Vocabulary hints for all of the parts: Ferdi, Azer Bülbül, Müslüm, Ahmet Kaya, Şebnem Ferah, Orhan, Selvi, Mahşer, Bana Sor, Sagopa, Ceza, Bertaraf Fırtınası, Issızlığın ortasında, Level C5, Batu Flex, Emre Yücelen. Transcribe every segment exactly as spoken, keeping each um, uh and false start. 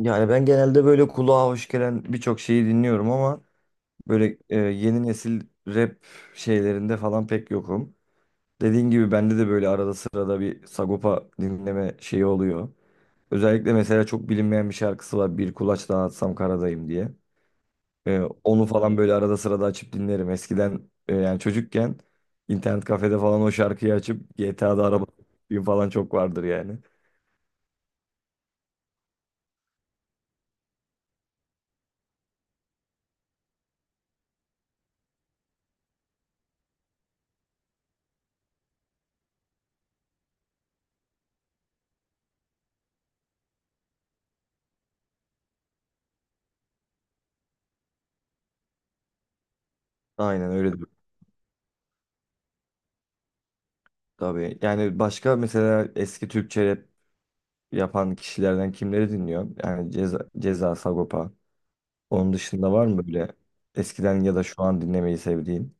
Yani ben genelde böyle kulağa hoş gelen birçok şeyi dinliyorum ama böyle e, yeni nesil rap şeylerinde falan pek yokum. Dediğin gibi bende de böyle arada sırada bir Sagopa dinleme şeyi oluyor. Özellikle mesela çok bilinmeyen bir şarkısı var. Bir kulaç daha atsam karadayım diye. E, onu falan böyle arada sırada açıp dinlerim. Eskiden e, yani çocukken internet kafede falan o şarkıyı açıp G T A'da araba falan çok vardır yani. Aynen öyle. Tabii. Yani başka mesela eski Türkçe rap yapan kişilerden kimleri dinliyor? Yani Ceza, Ceza Sagopa. Onun dışında var mı böyle eskiden ya da şu an dinlemeyi sevdiğin?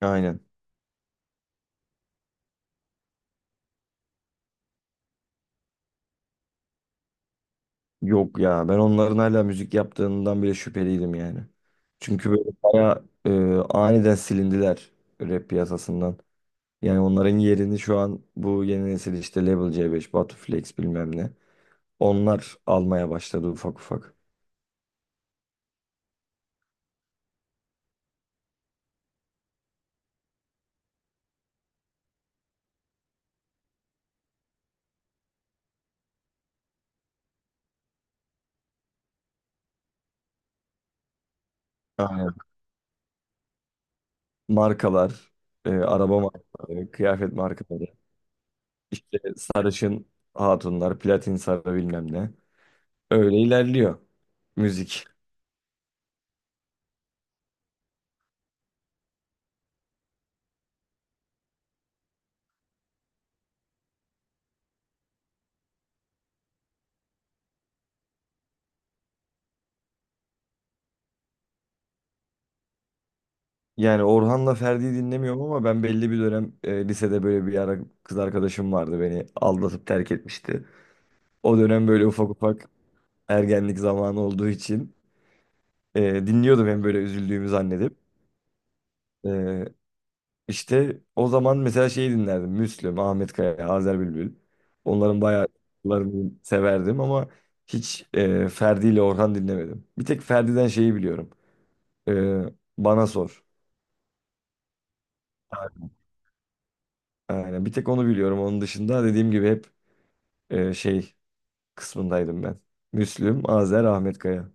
Aynen. Yok ya ben onların hala müzik yaptığından bile şüpheliydim yani. Çünkü böyle bayağı e, aniden silindiler rap piyasasından. Yani onların yerini şu an bu yeni nesil işte Level C beş, Batu Flex bilmem ne. Onlar almaya başladı ufak ufak. Markalar, e, araba markaları, kıyafet markaları, işte sarışın hatunlar, platin sarı bilmem ne. Öyle ilerliyor müzik. Yani Orhan'la Ferdi'yi dinlemiyorum ama ben belli bir dönem e, lisede böyle bir ara kız arkadaşım vardı beni aldatıp terk etmişti. O dönem böyle ufak ufak ergenlik zamanı olduğu için e, dinliyordum hem böyle üzüldüğümü zannedip. E, İşte o zaman mesela şeyi dinlerdim. Müslüm, Ahmet Kaya, Azer Bülbül. Onların bayağı şarkılarını severdim ama hiç e, Ferdi ile Orhan dinlemedim. Bir tek Ferdi'den şeyi biliyorum. E, Bana Sor. Aynen. Bir tek onu biliyorum. Onun dışında dediğim gibi hep e, şey kısmındaydım ben. Müslüm, Azer, Ahmet Kaya.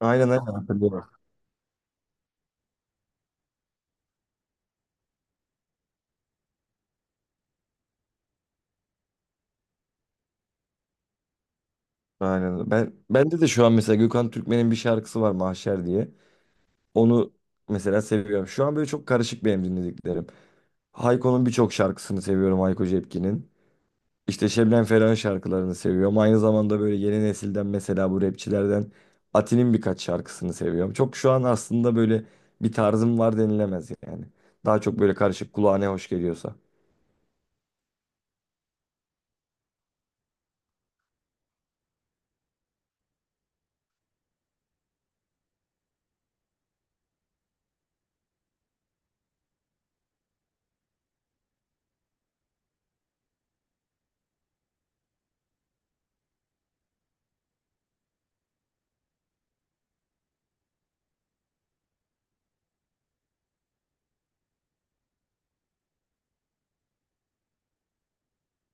Aynen, aynen, hatırlıyorum. Aynen. Ben bende de şu an mesela Gökhan Türkmen'in bir şarkısı var Mahşer diye. Onu mesela seviyorum. Şu an böyle çok karışık benim dinlediklerim. Hayko'nun birçok şarkısını seviyorum Hayko Cepkin'in. İşte Şebnem Ferah'ın şarkılarını seviyorum. Aynı zamanda böyle yeni nesilden mesela bu rapçilerden Ati'nin birkaç şarkısını seviyorum. Çok şu an aslında böyle bir tarzım var denilemez yani. Daha çok böyle karışık kulağa ne hoş geliyorsa.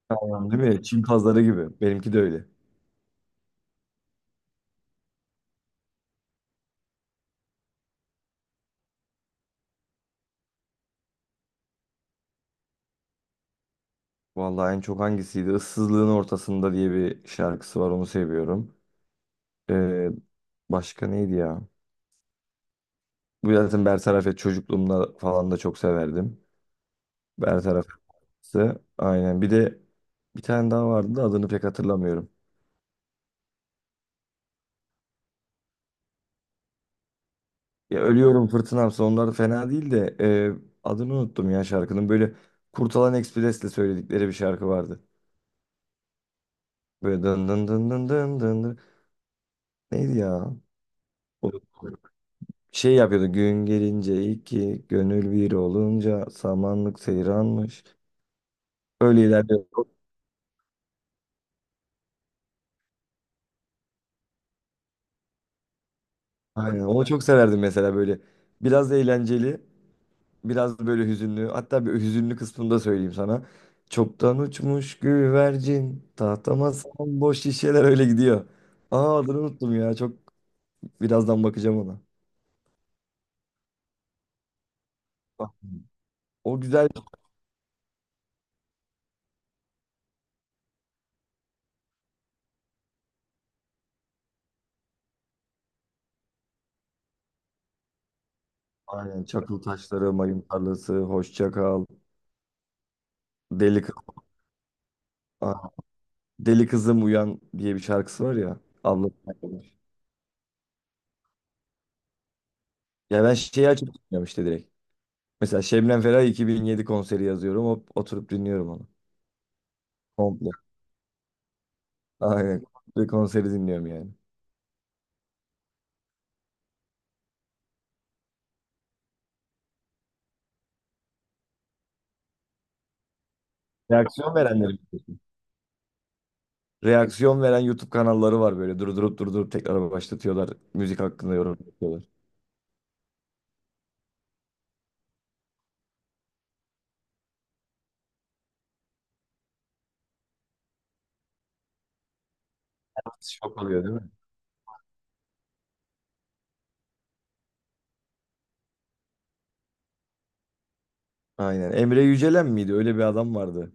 Tamam, değil mi? Çin pazarı gibi. Benimki de öyle. Vallahi en çok hangisiydi? Issızlığın ortasında diye bir şarkısı var onu seviyorum. Ee, başka neydi ya? Bu zaten Bertaraf et çocukluğumda falan da çok severdim. Bertaraf Fırtınası. Aynen. Bir de bir tane daha vardı da adını pek hatırlamıyorum. Ya Ölüyorum Fırtınamsa onlar fena değil de e, adını unuttum ya şarkının. Böyle Kurtalan Ekspres'le söyledikleri bir şarkı vardı. Böyle dın dın dın dın dın dın dın. Neydi ya? O şey yapıyordu. Gün gelince iki, gönül bir olunca samanlık seyranmış. Öyle ilerliyor. Aynen. Onu çok severdim mesela böyle. Biraz eğlenceli. Biraz böyle hüzünlü. Hatta bir hüzünlü kısmını da söyleyeyim sana. Çoktan uçmuş güvercin. Tahtama sağan boş şişeler öyle gidiyor. Aa, adını unuttum ya. Çok birazdan bakacağım ona. Bak, o güzel. Aynen. Çakıl taşları, mayın tarlası, hoşça kal. Deli, kız- Aa, deli kızım uyan diye bir şarkısı var ya. Abla. Ya ben şeyi açıp dinliyorum işte direkt. Mesela Şebnem Ferah iki bin yedi konseri yazıyorum. Hop, oturup dinliyorum onu. Komple. Aynen. Bir konseri dinliyorum yani. Reaksiyon verenlerim. Reaksiyon veren YouTube kanalları var böyle durdurup durdurup tekrar başlatıyorlar. Müzik hakkında yorum yapıyorlar. Şok oluyor değil mi? Aynen. Emre Yücelen miydi? Öyle bir adam vardı.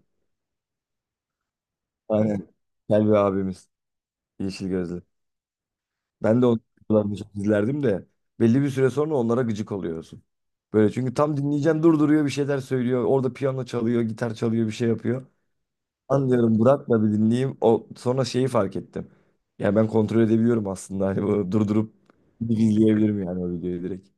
Aynen. Selvi abimiz. Yeşil gözlü. Ben de onun videolarını çok izlerdim de belli bir süre sonra onlara gıcık oluyorsun. Böyle çünkü tam dinleyeceğim durduruyor bir şeyler söylüyor. Orada piyano çalıyor, gitar çalıyor, bir şey yapıyor. Anlıyorum bırak da bir dinleyeyim. O sonra şeyi fark ettim. Ya ben kontrol edebiliyorum aslında. Hani bunu durdurup izleyebilirim yani o videoyu direkt.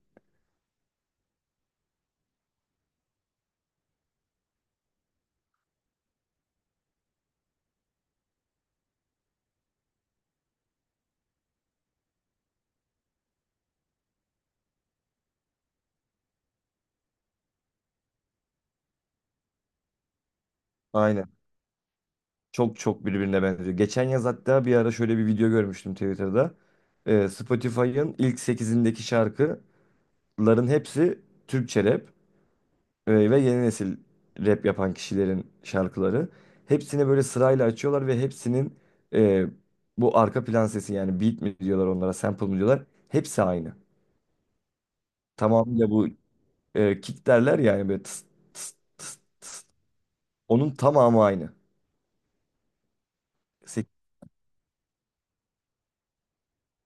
Aynen. Çok çok birbirine benziyor. Geçen yaz hatta bir ara şöyle bir video görmüştüm Twitter'da. Ee, Spotify'ın ilk sekizindeki şarkıların hepsi Türkçe rap e, ve yeni nesil rap yapan kişilerin şarkıları. Hepsini böyle sırayla açıyorlar ve hepsinin e, bu arka plan sesi yani beat mi diyorlar onlara, sample mı diyorlar. Hepsi aynı. Tamamıyla bu e, kick derler yani böyle tıs tıs tıs tıs. Onun tamamı aynı.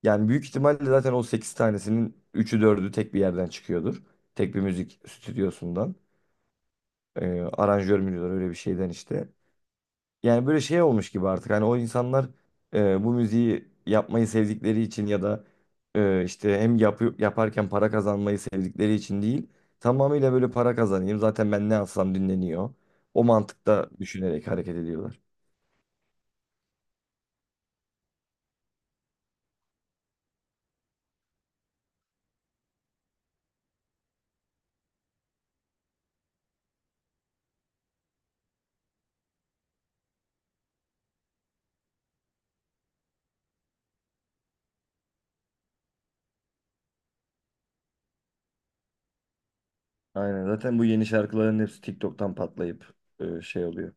Yani büyük ihtimalle zaten o sekiz tanesinin üçü dördü tek bir yerden çıkıyordur. Tek bir müzik stüdyosundan. Ee, aranjör mü diyorlar öyle bir şeyden işte. Yani böyle şey olmuş gibi artık. Hani o insanlar e, bu müziği yapmayı sevdikleri için ya da e, işte hem yapı- yaparken para kazanmayı sevdikleri için değil. Tamamıyla böyle para kazanayım. Zaten ben ne alsam dinleniyor. O mantıkta düşünerek hareket ediyorlar. Aynen zaten bu yeni şarkıların hepsi TikTok'tan patlayıp e, şey oluyor.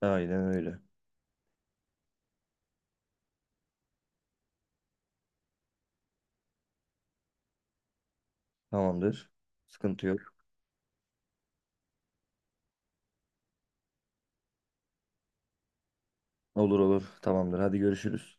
Aynen öyle. Tamamdır. Sıkıntı yok. Olur olur. Tamamdır. Hadi görüşürüz.